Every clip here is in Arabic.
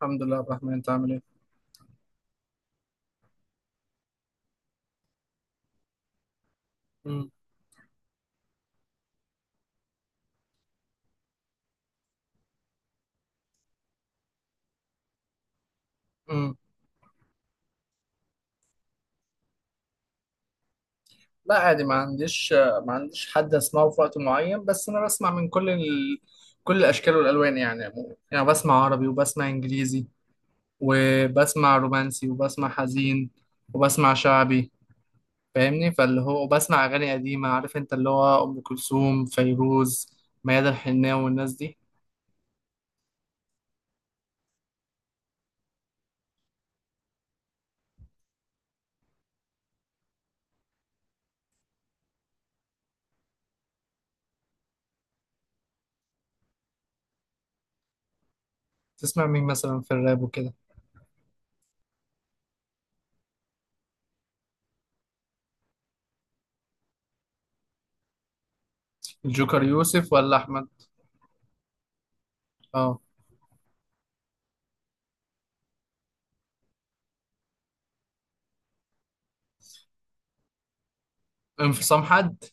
الحمد لله عبد الرحمن، انت عامل ايه؟ مم. مم. لا عادي، ما عنديش حد اسمعه في وقت معين، بس انا بسمع من كل الاشكال والالوان يعني عموما. يعني بسمع عربي وبسمع انجليزي وبسمع رومانسي وبسمع حزين وبسمع شعبي. فاهمني؟ فاللي هو وبسمع اغاني قديمه، عارف انت، اللي هو ام كلثوم، فيروز، ميادة الحناوي والناس دي. تسمع مين مثلا في الراب وكده؟ الجوكر يوسف ولا احمد؟ اه، انفصام حد.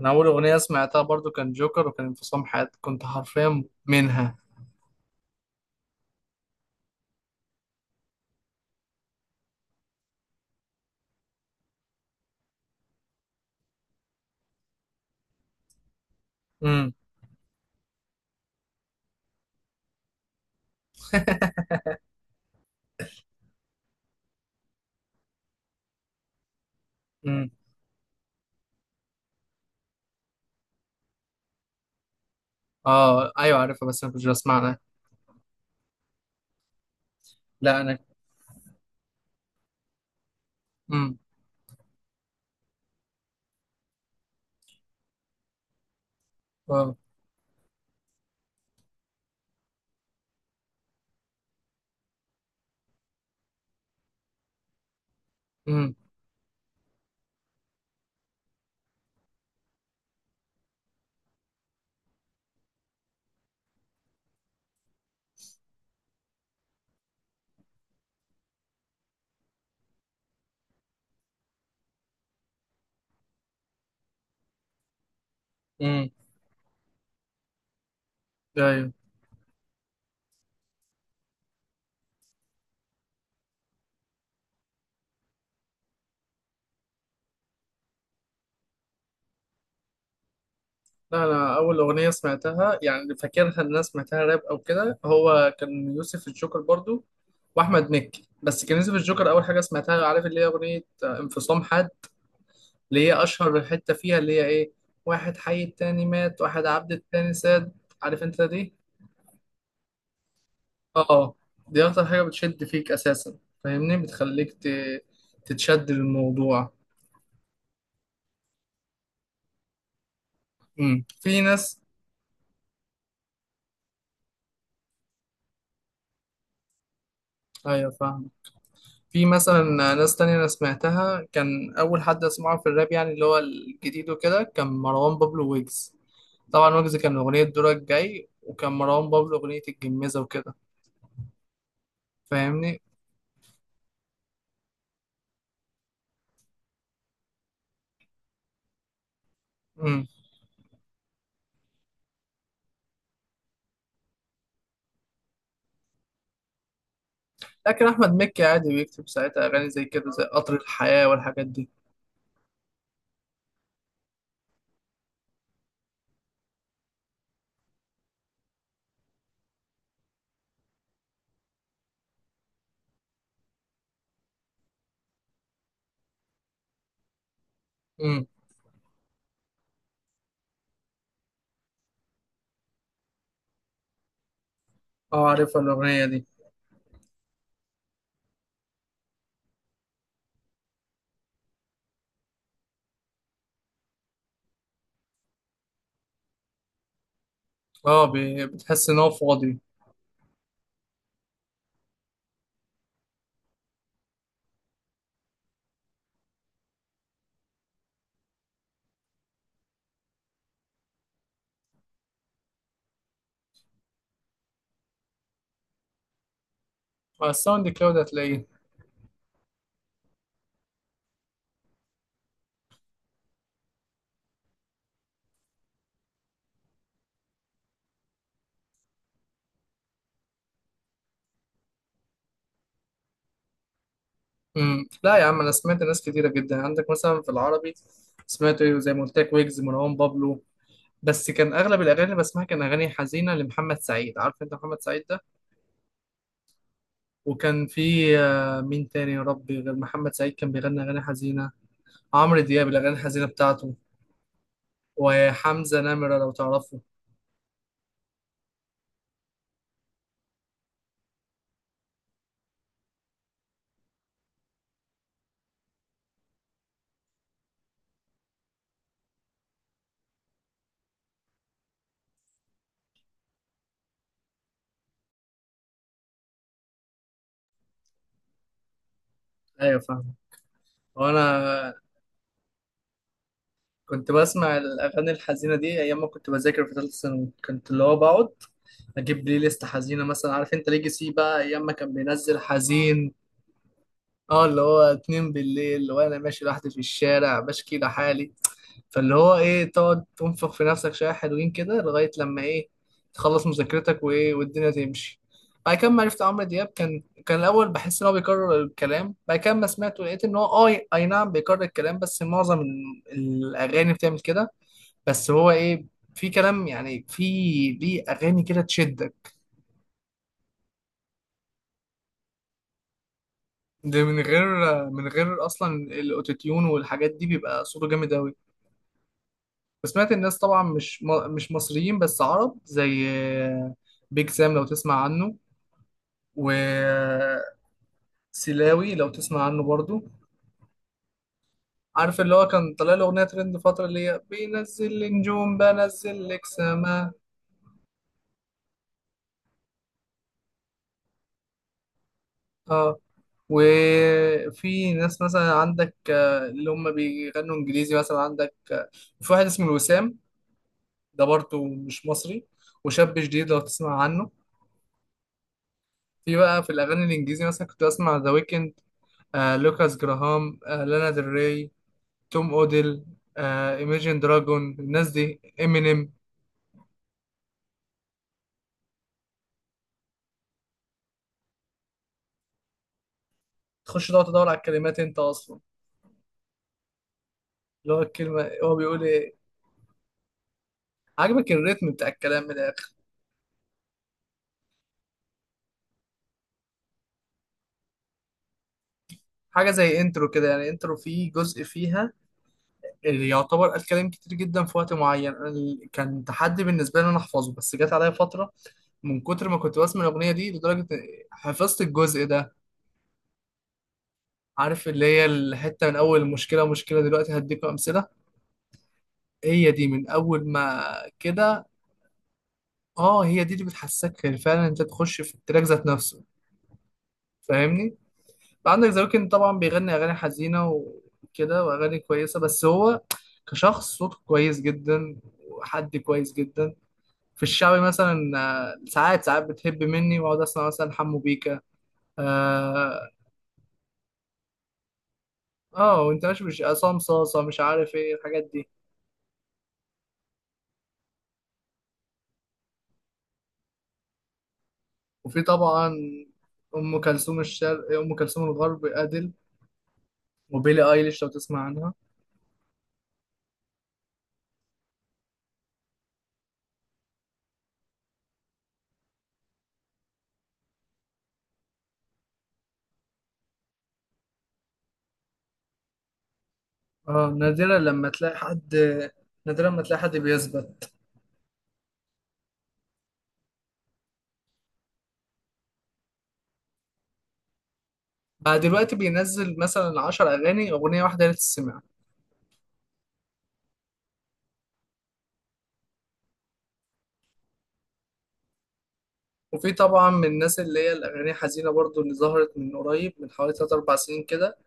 انا اول اغنيه سمعتها برضو كان جوكر، وكان انفصام حياتي، كنت حرفيا منها. امم. امم. اه ايوه عارفها، بس انا كنت بسمعها. لا انا. امم. اه. امم. امم. ايوه. لا انا اول اغنيه سمعتها يعني فاكرها ان انا سمعتها راب او كده، هو كان يوسف الجوكر برضو واحمد مكي، بس كان يوسف الجوكر اول حاجه سمعتها. عارف اللي هي اغنيه انفصام حد؟ اللي هي اشهر حته فيها اللي هي ايه: واحد حي التاني مات، واحد عبد التاني ساد. عارف انت دي؟ اه، دي اكتر حاجة بتشد فيك اساسا. فاهمني؟ تتشد للموضوع. امم، في ناس. ايوه فاهم. في مثلا ناس تانية انا سمعتها، كان اول حد اسمعه في الراب يعني اللي هو الجديد وكده كان مروان بابلو ويجز. طبعا ويجز كان اغنية دورك جاي، وكان مروان بابلو اغنية الجميزة وكده. فاهمني؟ امم. لكن احمد مكي عادي بيكتب ساعتها اغاني زي كده، زي قطر الحياة والحاجات دي. امم. اه عارفها الاغنية دي. اه، بتحس ان هو فاضي. مع الساوند كلاود هتلاقيه. امم. لا يا عم، انا سمعت ناس كتيره جدا. عندك مثلا في العربي سمعت ايه، زي ما قلت لك، ويجز، مروان بابلو، بس كان اغلب الاغاني اللي بسمعها كان اغاني حزينه لمحمد سعيد. عارف انت محمد سعيد ده؟ وكان في مين تاني يا ربي غير محمد سعيد كان بيغني اغاني حزينه؟ عمرو دياب، الاغاني الحزينه بتاعته، وحمزه نمره لو تعرفه. ايوه فاهم. وانا كنت بسمع الاغاني الحزينه دي ايام ما كنت بذاكر في ثالثه ثانوي، كنت اللي هو بقعد اجيب بلاي ليست حزينه مثلا، عارف انت ليجاسي بقى ايام ما كان بينزل حزين. اه، اللي هو اتنين بالليل وانا ماشي لوحدي في الشارع بشكي لحالي. فاللي هو ايه، تقعد تنفخ في نفسك شويه حلوين كده لغايه لما ايه، تخلص مذاكرتك وايه، والدنيا تمشي. بعد كده، ما عرفت عمرو دياب، كان الاول بحس ان هو بيكرر الكلام. بعد كده ما سمعته لقيت ان هو، اه اي نعم بيكرر الكلام، بس معظم الاغاني بتعمل كده، بس هو ايه، في كلام يعني، في ليه اغاني كده تشدك. ده من غير، من غير اصلا الاوتوتيون والحاجات دي، بيبقى صوته جامد قوي. وسمعت الناس طبعا مش مصريين بس عرب، زي بيج سام لو تسمع عنه، وسلاوي لو تسمع عنه برضو. عارف اللي هو كان طالع له اغنيه ترند فتره، اللي هي بينزل لي نجوم بنزل لك سما؟ اه. وفي ناس مثلا عندك اللي هم بيغنوا انجليزي، مثلا عندك في واحد اسمه الوسام، ده برضه مش مصري، وشاب جديد لو تسمع عنه. في بقى في الأغاني الإنجليزي مثلا كنت بسمع ذا ويكند، لوكاس جراهام، لانا ديل ري، توم اوديل، ايميجين دراجون، الناس دي، امينيم. تخش تقعد تدور على الكلمات انت اصلا، اللي هو الكلمه هو بيقول ايه. عاجبك الريتم بتاع الكلام من الاخر. حاجه زي انترو كده يعني، انترو فيه جزء فيها اللي يعتبر قال كلام كتير جدا في وقت معين. كان تحدي بالنسبه لي ان انا احفظه، بس جت عليا فتره من كتر ما كنت بسمع الأغنية دي لدرجة حفظت الجزء ده. عارف اللي هي الحتة من أول مشكلة، مشكلة دلوقتي هديك أمثلة، هي دي من أول ما كده. اه، هي دي اللي بتحسسك فعلا انت تخش في التراك ذات نفسه. فاهمني؟ عندك ذا ويكند طبعا بيغني أغاني حزينة وكده، وأغاني كويسة، بس هو كشخص صوته كويس جدا، وحد كويس جدا. في الشعبي مثلا، ساعات ساعات بتهب مني واقعد اسمع مثلا حمو بيكا، آه، اه وانت ماشي، مش عصام صاصة، مش عارف ايه الحاجات دي. وفي طبعا ام كلثوم الشرق، ام كلثوم الغرب ادل، وبيلي ايليش لو تسمع عنها. اه، نادرا لما تلاقي حد بيثبت. بقى دلوقتي بينزل مثلا 10 اغاني، اغنية واحدة تتسمع. وفي طبعا من الناس اللي هي الاغاني حزينة برضو، اللي ظهرت من قريب من حوالي 3 4 سنين كده،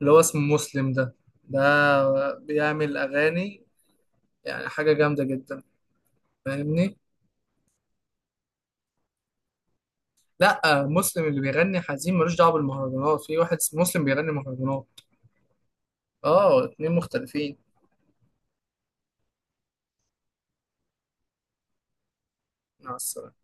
اللي هو اسمه مسلم ده. ده بيعمل اغاني يعني حاجة جامدة جدا. فاهمني؟ لا، مسلم اللي بيغني حزين ملوش دعوه بالمهرجانات، في واحد اسمه مسلم بيغني مهرجانات. اه اتنين مختلفين. مع السلامه.